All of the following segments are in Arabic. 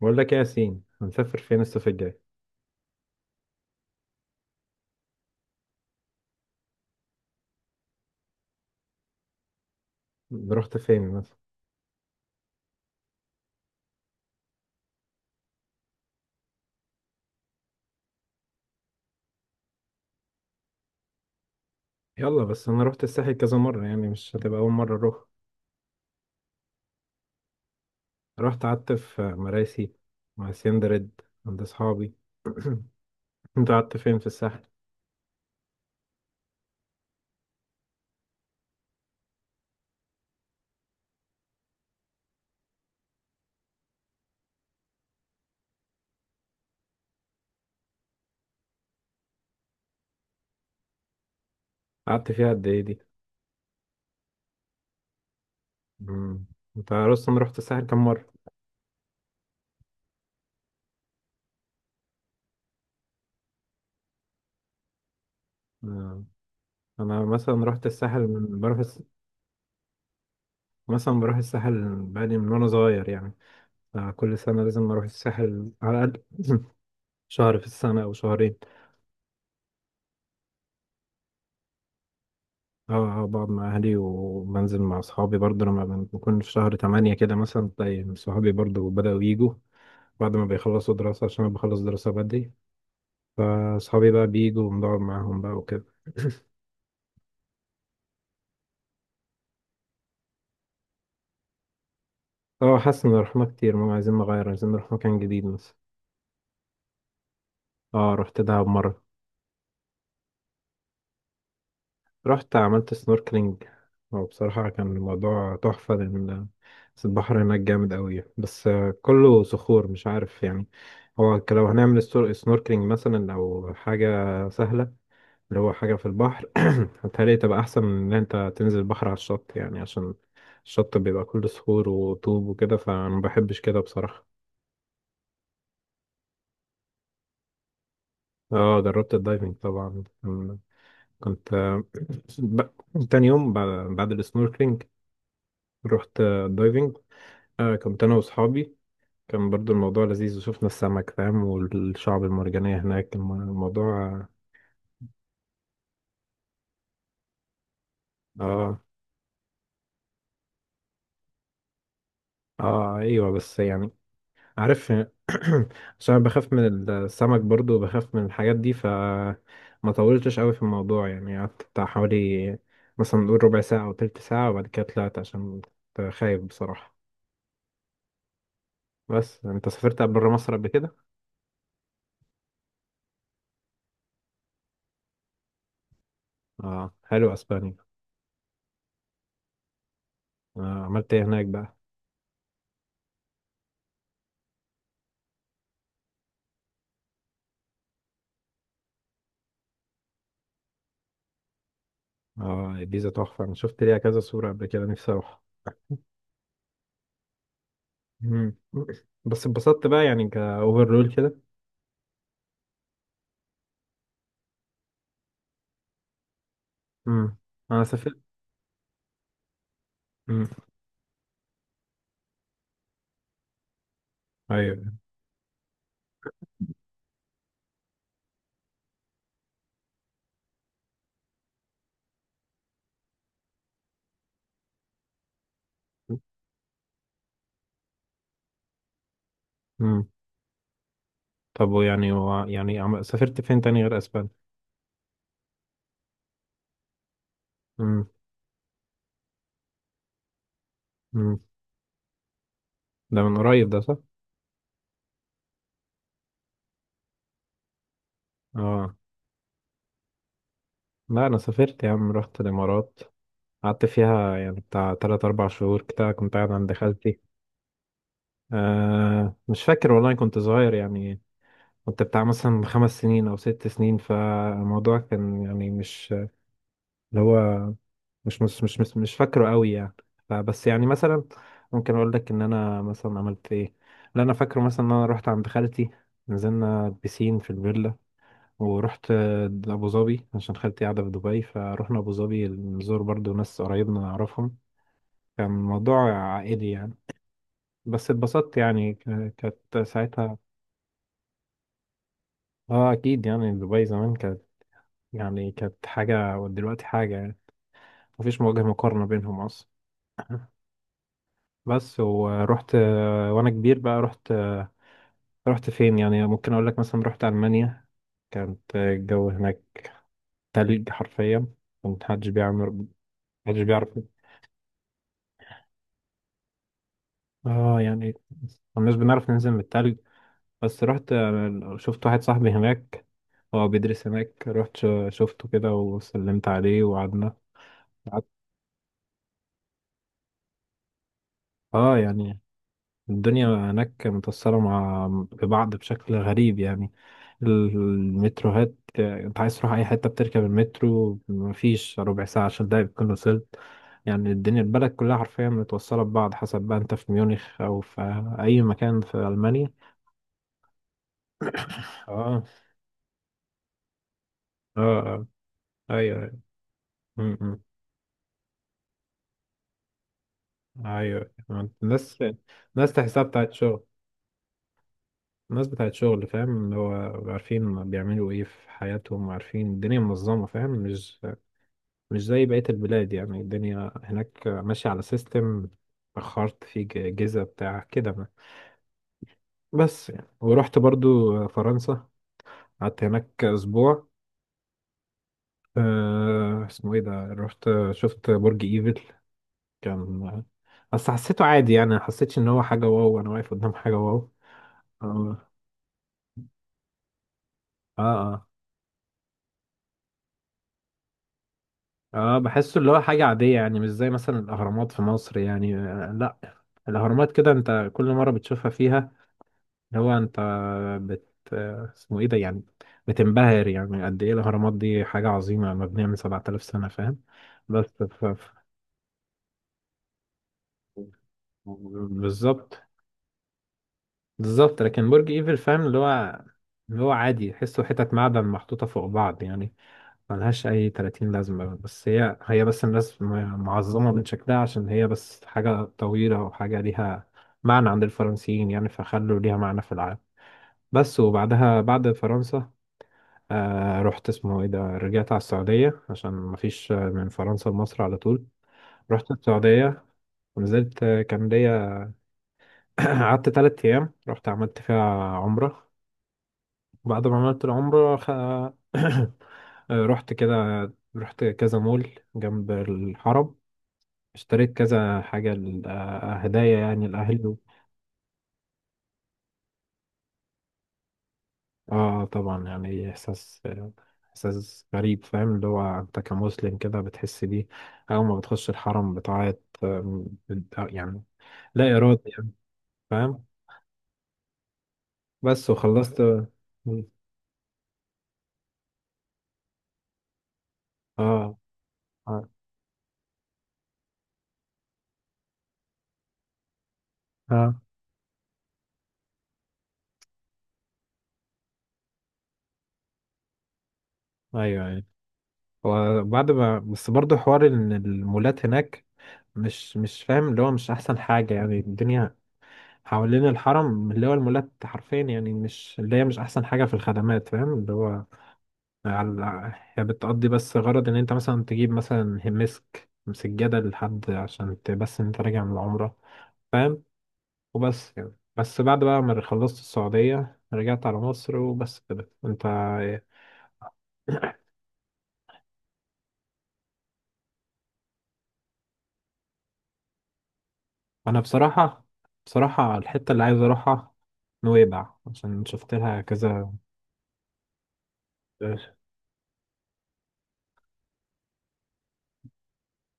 بقول لك ايه يا ياسين، هنسافر فين الصيف الجاي؟ رحت فين مثلا؟ يلا، بس انا رحت الساحل كذا مره، يعني مش هتبقى اول مره اروح. رحت قعدت في مراسي مع سندرد عند اصحابي. انت قعدت فين في الساحل؟ قعدت فيها قد ايه دي؟ مم. انت اصلا رحت الساحل كم مره؟ آه، انا مثلا رحت الساحل من بروح مثلا بروح الساحل بقالي من وانا صغير يعني. كل سنه لازم اروح الساحل على الاقل شهر في السنه او شهرين. اه، اه، بقعد مع اهلي وبنزل مع اصحابي برضه، لما بكون في شهر تمانية كده مثلا تلاقي صحابي برضه بدأوا يجوا بعد ما بيخلصوا دراسة، عشان انا بخلص دراسة بدري، فاصحابي بقى بيجوا ونقعد معاهم بقى وكده. اه، حاسس ان رحنا كتير، ماما عايزين نغير، عايزين نروح مكان جديد مثلا. اه، رحت دهب مرة. رحت عملت سنوركلينج، وبصراحة كان الموضوع تحفة، لأن البحر هناك جامد أوي، بس كله صخور، مش عارف يعني. هو لو هنعمل سنوركلينج مثلا أو حاجة سهلة، اللي هو حاجة في البحر، هتهيألي تبقى أحسن من إن أنت تنزل البحر على الشط، يعني عشان الشط بيبقى كله صخور وطوب وكده، فما بحبش كده بصراحة. اه، جربت الدايفنج طبعا، كنت ب... تاني يوم بعد السنوركلينج رحت الدايفنج. كنت أنا وأصحابي. كان برضو الموضوع لذيذ، وشفنا السمك فاهم، والشعب المرجانية هناك الموضوع اه. اه. ايوه بس يعني، عارف، عشان أنا بخاف من السمك برضو، وبخاف من الحاجات دي، ف ما طولتش قوي في الموضوع، يعني قعدت بتاع حوالي، مثلا نقول ربع ساعة أو تلت ساعة، وبعد كده طلعت، عشان كنت خايف بصراحة. بس أنت سافرت بره مصر قبل كده؟ اه، حلو أسبانيا. عملت إيه هناك بقى؟ اه، الجيزة تحفة، أنا شفت ليها كذا صورة قبل كده، نفسي أروح. مم. بس اتبسطت بقى يعني، كأوفر رول كده. مم. أنا سافرت. مم. أيوه. مم. طب ويعني يعني سافرت فين تاني غير أسبانيا؟ مم. مم. ده من قريب ده، صح؟ اه. لا، انا سافرت يا عم، رحت الامارات، قعدت فيها يعني بتاع تلات اربع شهور كده، كنت قاعد عند خالتي. مش فاكر والله، كنت صغير يعني، كنت بتاع مثلا خمس سنين او ست سنين، فالموضوع كان يعني، مش اللي هو، مش فاكره قوي يعني. فبس يعني مثلا ممكن اقول لك ان انا مثلا عملت ايه. اللي انا فاكره مثلا ان انا رحت عند خالتي، نزلنا بسين في الفيلا، ورحت أبو ظبي، عشان خالتي قاعدة في دبي، فروحنا أبو ظبي نزور برضو ناس قريبنا نعرفهم. كان موضوع عائلي يعني. بس اتبسطت يعني، كانت ساعتها. اه، أكيد يعني، دبي زمان كانت يعني، كانت حاجة، ودلوقتي حاجة يعني، مفيش وجه مقارنة بينهم أصلا. بس ورحت وأنا كبير بقى، رحت رحت فين يعني؟ ممكن أقول لك مثلا رحت ألمانيا. كانت الجو هناك تلج حرفيا، كان محدش بيعمل، محدش بيعرف. اه يعني، مش بنعرف ننزل من التلج. بس رحت، شفت واحد صاحبي هناك، هو بيدرس هناك، رحت شفته كده، وسلمت عليه وقعدنا. قعدت. اه يعني، الدنيا هناك متأثرة مع ببعض بشكل غريب يعني. ال- المتروهات، انت عايز تروح اي حتة بتركب المترو، مفيش ربع ساعة عشان ده بتكون وصلت، يعني الدنيا، البلد كلها حرفيا متوصلة ببعض، حسب بقى انت في ميونخ او في اي مكان في المانيا. اه. اه. ايوه، ايوه. م- م. ايوه، ايوه. الناس، الناس تحسها بتاعت شغل، الناس بتاعت شغل، فاهم اللي هو عارفين بيعملوا ايه في حياتهم، وعارفين الدنيا منظمة، فاهم، مش زي بقية البلاد يعني، الدنيا هناك ماشية على سيستم. اخرت في جيزة بتاع كده ما. بس يعني، ورحت برضو فرنسا، قعدت هناك اسبوع. اسمه ايه ده، رحت شفت برج ايفل، كان، بس حسيته عادي يعني، ما حسيتش ان هو حاجة واو، انا واقف قدام حاجة واو. آه. اه، اه. اه، بحسه اللي هو حاجة عادية يعني، مش زي مثلا الأهرامات في مصر يعني، لا، الأهرامات كده انت كل مرة بتشوفها فيها اللي هو انت، بت آه، اسمه ايه ده يعني، بتنبهر يعني قد ايه الأهرامات دي حاجة عظيمة، مبنية من 7000 سنة، فاهم؟ بس ف... ف- بالظبط، بالظبط، لكن برج ايفل فاهم اللي هو، اللي هو عادي، تحسه حتت معدن محطوطة فوق بعض يعني، ملهاش أي 30 لازمة، بس هي، هي بس الناس معظمة من شكلها، عشان هي بس حاجة طويلة وحاجة ليها معنى عند الفرنسيين يعني، فخلوا ليها معنى في العالم. بس، وبعدها بعد فرنسا رحت، اسمه ايه ده، رجعت على السعودية، عشان مفيش من فرنسا لمصر على طول. رحت السعودية، ونزلت، كان ليا قعدت تلات أيام، رحت عملت فيها عمرة. وبعد ما عملت العمرة. رحت كده، رحت كذا مول جنب الحرم، اشتريت كذا حاجة هدايا يعني لأهلي. اه طبعا يعني، إحساس، إحساس غريب فاهم، اللي هو أنت كمسلم كده بتحس بيه. أول ما بتخش الحرم بتعيط، آم، بت- آه، يعني لا إرادة يعني، فاهم. بس، وخلصت اه. اه، اه. آه، أيوه، أيوه. وبعد ما بس برضه حوار إن المولات هناك، مش فاهم اللي هو، مش احسن حاجة يعني. الدنيا حوالين الحرم اللي هو المولات حرفيا يعني، مش اللي هي مش احسن حاجة في الخدمات فاهم، اللي هو على، هي بتقضي بس غرض ان انت مثلا تجيب مثلا مسك سجادة لحد، عشان بس ان انت راجع من العمرة، فاهم. وبس يعني، بس بعد بقى ما خلصت السعودية، رجعت على مصر، وبس كده. انت إيه؟ انا بصراحة، بصراحة الحتة اللي عايز اروحها نويبع، عشان شفت لها كذا،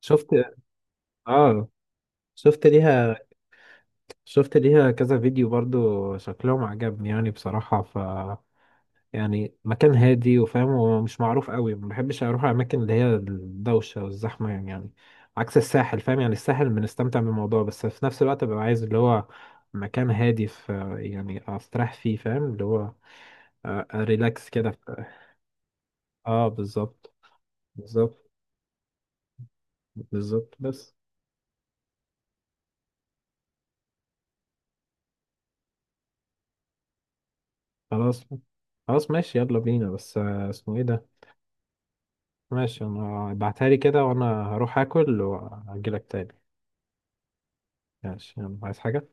شفت، اه، شفت ليها، شفت ليها كذا فيديو برضو، شكلهم عجبني يعني بصراحة، ف يعني مكان هادي وفاهم ومش معروف قوي. ما بحبش اروح الاماكن اللي هي الدوشة والزحمة يعني، عكس الساحل، فاهم؟ يعني الساحل بنستمتع بالموضوع، بس في نفس الوقت ببقى عايز اللي هو مكان هادي، في يعني استريح فيه، فاهم اللي هو، ريلاكس كده. اه، بالظبط، بالظبط، بالظبط بس. خلاص، خلاص ماشي، يلا بينا، بس اسمه ايه ده. ماشي انا، ابعتها لي كده، وانا هروح اكل واجي لك تاني. ماشي، يلا، عايز حاجة؟